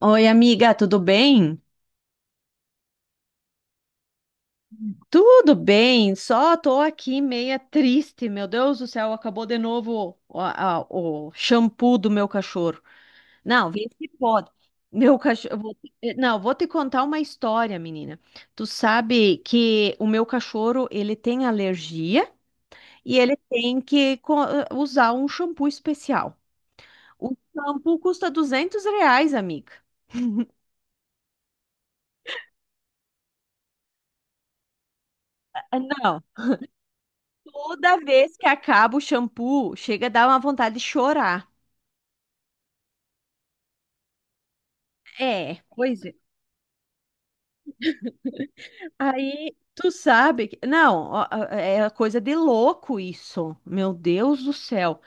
Oi, amiga, tudo bem? Tudo bem, só tô aqui meia triste. Meu Deus do céu, acabou de novo o shampoo do meu cachorro. Não, vê se pode. Meu cachorro. Não, vou te contar uma história, menina. Tu sabe que o meu cachorro ele tem alergia e ele tem que usar um shampoo especial. O shampoo custa R$ 200, amiga. Não. Toda vez que acaba o shampoo, chega a dar uma vontade de chorar. É, pois é. Aí, tu sabe que... Não, ó, ó, é coisa de louco isso. Meu Deus do céu.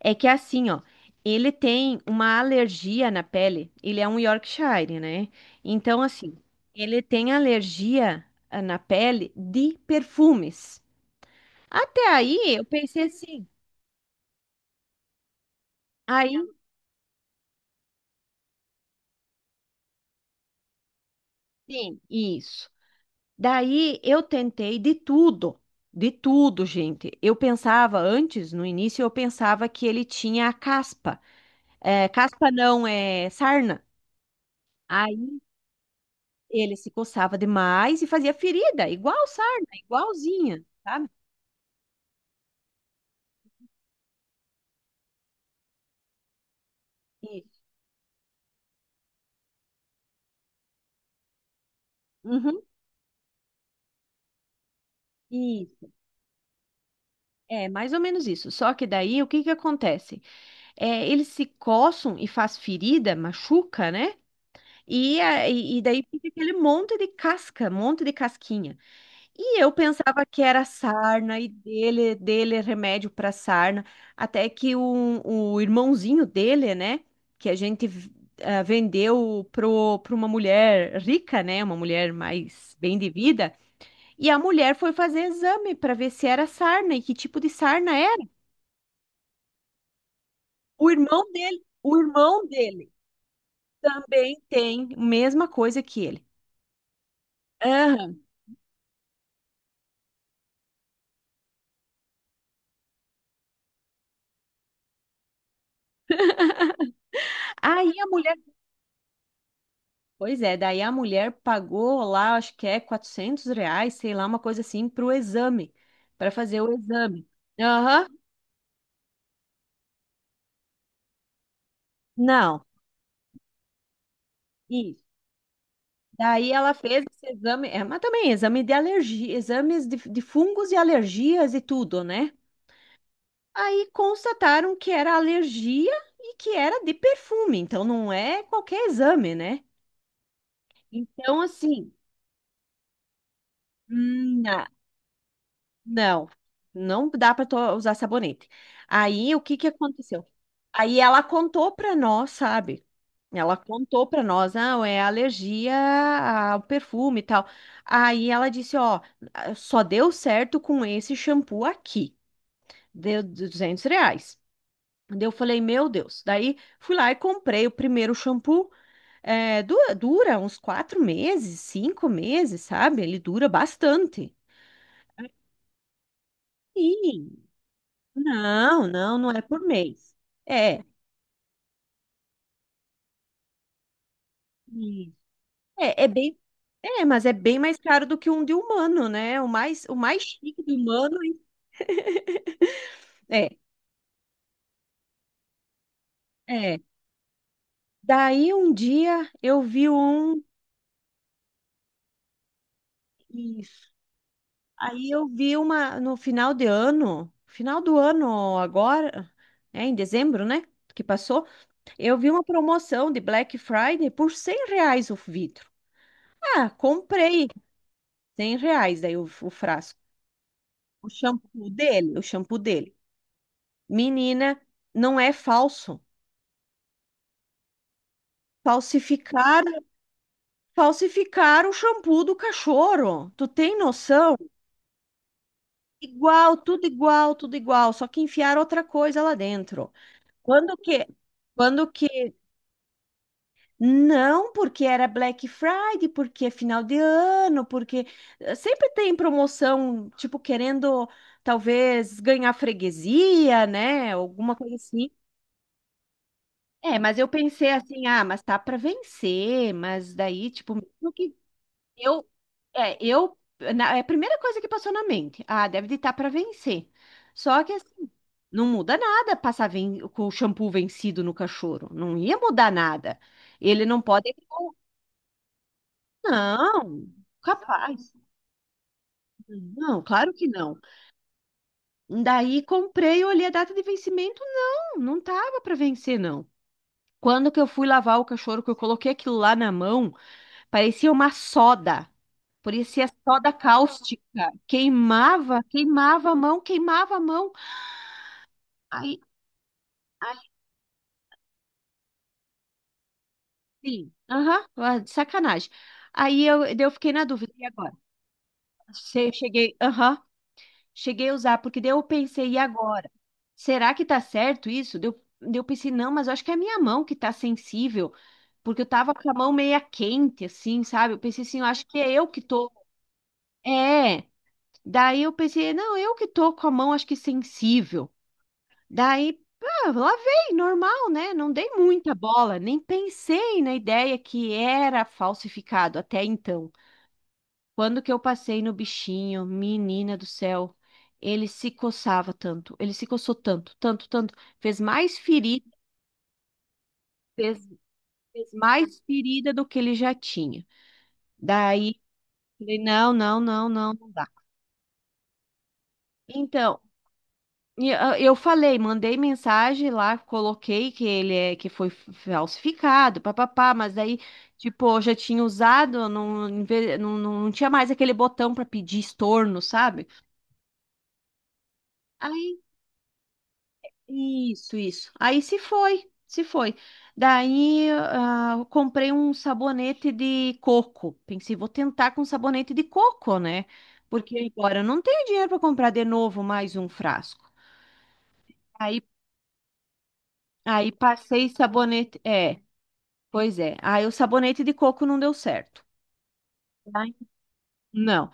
É que assim, ó, ele tem uma alergia na pele. Ele é um Yorkshire, né? Então, assim, ele tem alergia na pele de perfumes. Até aí, eu pensei assim. Aí, sim, isso. Daí eu tentei de tudo, gente. Eu pensava antes, no início, eu pensava que ele tinha a caspa. É, caspa não, é sarna. Aí ele se coçava demais e fazia ferida, igual sarna, igualzinha, sabe? Isso. Uhum. Isso. É, mais ou menos isso. Só que daí o que que acontece? É, eles se coçam e faz ferida, machuca, né? E daí fica aquele monte de casca, monte de casquinha. E eu pensava que era sarna e dele é remédio para sarna, até que o irmãozinho dele, né, que a gente vendeu pra uma mulher rica, né, uma mulher mais bem de vida, e a mulher foi fazer exame para ver se era sarna e que tipo de sarna era. O irmão dele também tem a mesma coisa que ele. Aham. Aí a mulher Pois é, daí a mulher pagou lá, acho que é R$ 400, sei lá, uma coisa assim, para o exame, para fazer o exame. Aham, não, isso. Daí ela fez esse exame, é, mas também exame de alergia, exames de fungos e alergias e tudo, né? Aí constataram que era alergia e que era de perfume, então não é qualquer exame, né? Então, assim, hum, não, não dá para usar sabonete. Aí o que que aconteceu? Aí ela contou para nós, sabe? Ela contou para nós, não, é alergia ao perfume e tal. Aí ela disse, ó, só deu certo com esse shampoo aqui. Deu R$ 200. Daí eu falei, meu Deus. Daí fui lá e comprei o primeiro shampoo. É, dura uns 4 meses, 5 meses, sabe? Ele dura bastante. Sim. Não, não, não é por mês. É, isso. é, é bem, mas é bem mais caro do que um de humano, né? O mais chique de humano é, é. Daí um dia eu vi um, isso. Aí eu vi uma no final de ano, final do ano agora, é em dezembro, né? Que passou, eu vi uma promoção de Black Friday por R$ 100 o vidro. Ah, comprei R$ 100 daí o frasco. O shampoo dele, o shampoo dele. Menina, não é falso. Falsificar, falsificar o shampoo do cachorro. Tu tem noção? Igual, tudo igual, tudo igual, só que enfiaram outra coisa lá dentro. Quando que? Quando que? Não, porque era Black Friday, porque é final de ano, porque sempre tem promoção, tipo querendo talvez ganhar freguesia, né? Alguma coisa assim. É, mas eu pensei assim, ah, mas tá para vencer, mas daí, tipo, mesmo que Eu, é, eu, na- é a primeira coisa que passou na mente, ah, deve estar para vencer. Só que assim, não muda nada passar com o shampoo vencido no cachorro, não ia mudar nada. Ele não pode, não, capaz. Não, claro que não. Daí comprei, olhei a data de vencimento, não, não tava para vencer não. Quando que eu fui lavar o cachorro, que eu coloquei aquilo lá na mão. Parecia uma soda. Parecia soda cáustica. Queimava, queimava a mão, queimava a mão. Aí, assim, aham, de sacanagem. Aí eu fiquei na dúvida, e agora? Cheguei, aham, cheguei a usar, porque daí eu pensei, e agora? Será que tá certo isso? Daí eu pensei, não, mas eu acho que é a minha mão que tá sensível, porque eu tava com a mão meia quente, assim, sabe? Eu pensei assim, eu acho que é eu que tô. É. Daí eu pensei, não, eu que tô com a mão, acho que sensível. Daí, lavei, normal, né? Não dei muita bola, nem pensei na ideia que era falsificado até então. Quando que eu passei no bichinho, menina do céu, ele se coçava tanto, ele se coçou tanto, tanto, tanto, fez mais ferida, fez, fez mais ferida do que ele já tinha. Daí, falei, não, não, não, não, não dá. Então, eu falei, mandei mensagem lá, coloquei que ele é que foi falsificado, papapá, mas aí, tipo, eu já tinha usado, não, não, não, não tinha mais aquele botão para pedir estorno, sabe? Aí, isso, isso. Aí se foi, se foi. Daí, eu comprei um sabonete de coco. Pensei, vou tentar com sabonete de coco, né? Porque agora eu não tenho dinheiro para comprar de novo mais um frasco. Aí, aí passei sabonete, é. Pois é. Aí o sabonete de coco não deu certo. Ai, não.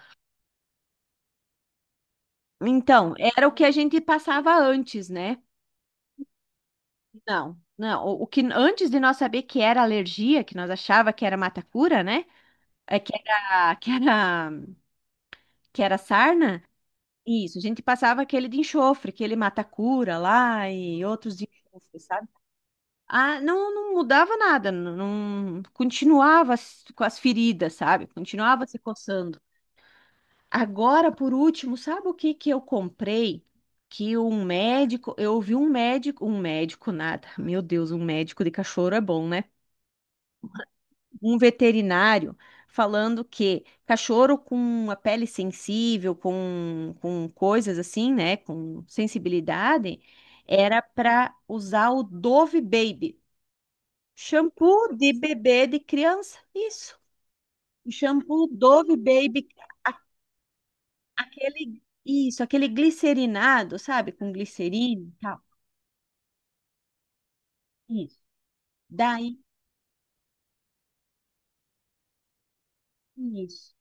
Então, era o que a gente passava antes, né? Não, não. O que antes de nós saber que era alergia, que nós achava que era matacura, né? É que era, que era, que era sarna. Isso, a gente passava aquele de enxofre, aquele matacura lá e outros de enxofre, sabe? Ah, não, não mudava nada, não, continuava com as feridas, sabe? Continuava se coçando. Agora, por último, sabe o que que eu comprei? Que um médico, eu ouvi um médico nada, meu Deus, um médico de cachorro é bom, né? Um veterinário falando que cachorro com a pele sensível, com coisas assim, né? Com sensibilidade, era para usar o Dove Baby, shampoo de bebê de criança. Isso, o shampoo Dove Baby. Aquele, isso, aquele glicerinado, sabe? Com glicerina e tal. Isso. Daí, isso.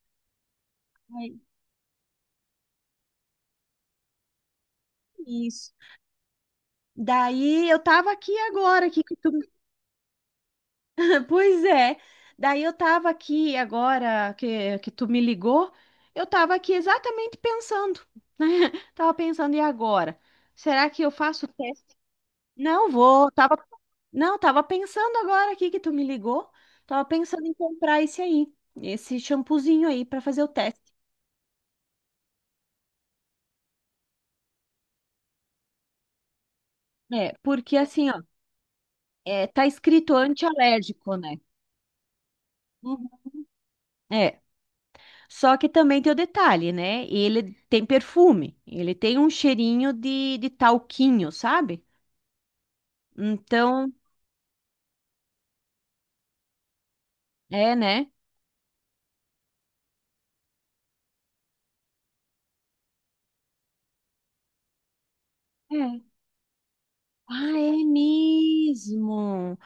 Daí, isso. Daí eu tava aqui agora, que tu. Pois é. Daí eu tava aqui agora que tu me ligou, eu tava aqui exatamente pensando, né? Tava pensando, e agora? Será que eu faço o teste? Não vou, tava. Não, tava pensando agora aqui que tu me ligou, tava pensando em comprar esse aí, esse shampoozinho aí pra fazer o teste. É, porque assim, ó, é, tá escrito antialérgico, né? Uhum. É, só que também tem o detalhe, né? Ele tem perfume, ele tem um cheirinho de talquinho, sabe? Então, é, né? É. Ah, é mesmo.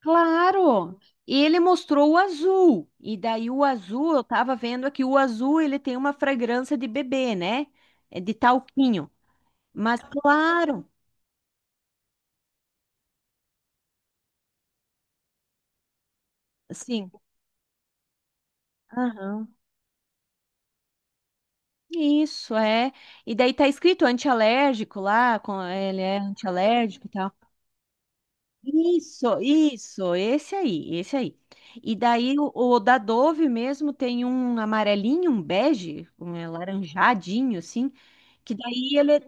Claro. E ele mostrou o azul. E daí o azul, eu tava vendo aqui, o azul ele tem uma fragrância de bebê, né? É de talquinho. Mas claro, sim. Isso, é. E daí tá escrito antialérgico lá, ele é antialérgico e tal. Isso, esse aí, esse aí. E daí o da Dove mesmo tem um amarelinho, um bege, um laranjadinho, assim, que daí ele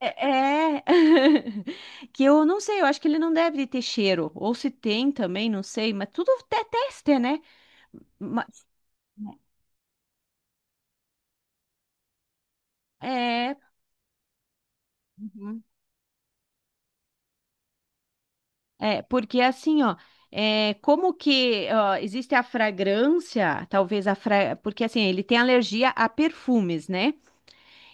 é, é- que eu não sei, eu acho que ele não deve ter cheiro, ou se tem também, não sei, mas tudo é teste, né? Ma- É, uhum. É, porque assim, ó, é, como que ó, existe a fragrância, porque assim, ele tem alergia a perfumes, né?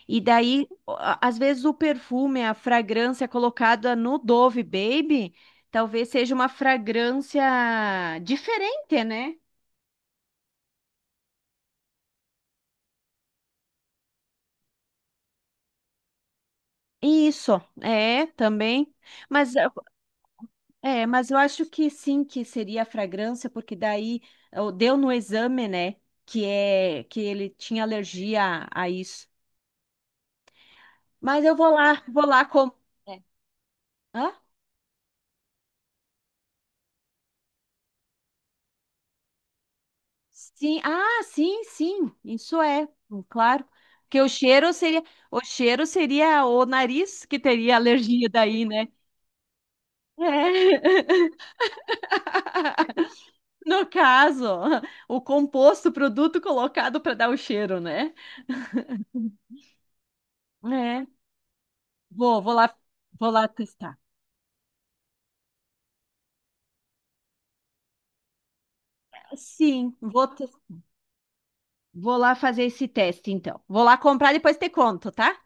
E daí, ó, às vezes o perfume, a fragrância colocada no Dove Baby, talvez seja uma fragrância diferente, né? Isso, é, também. Mas eu- mas eu acho que sim, que seria a fragrância, porque daí ó, deu no exame, né? Que é que ele tinha alergia a isso. Mas eu vou lá como. É. Hã? Sim, ah, sim, sim, isso é, claro. Porque o cheiro seria o nariz que teria alergia daí, né? É. No caso, o composto, o produto colocado para dar o cheiro, né? É. Vou lá, vou lá testar. Sim, vou lá fazer esse teste, então. Vou lá comprar, depois te conto, tá?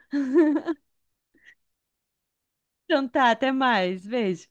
Então tá, até mais. Beijo.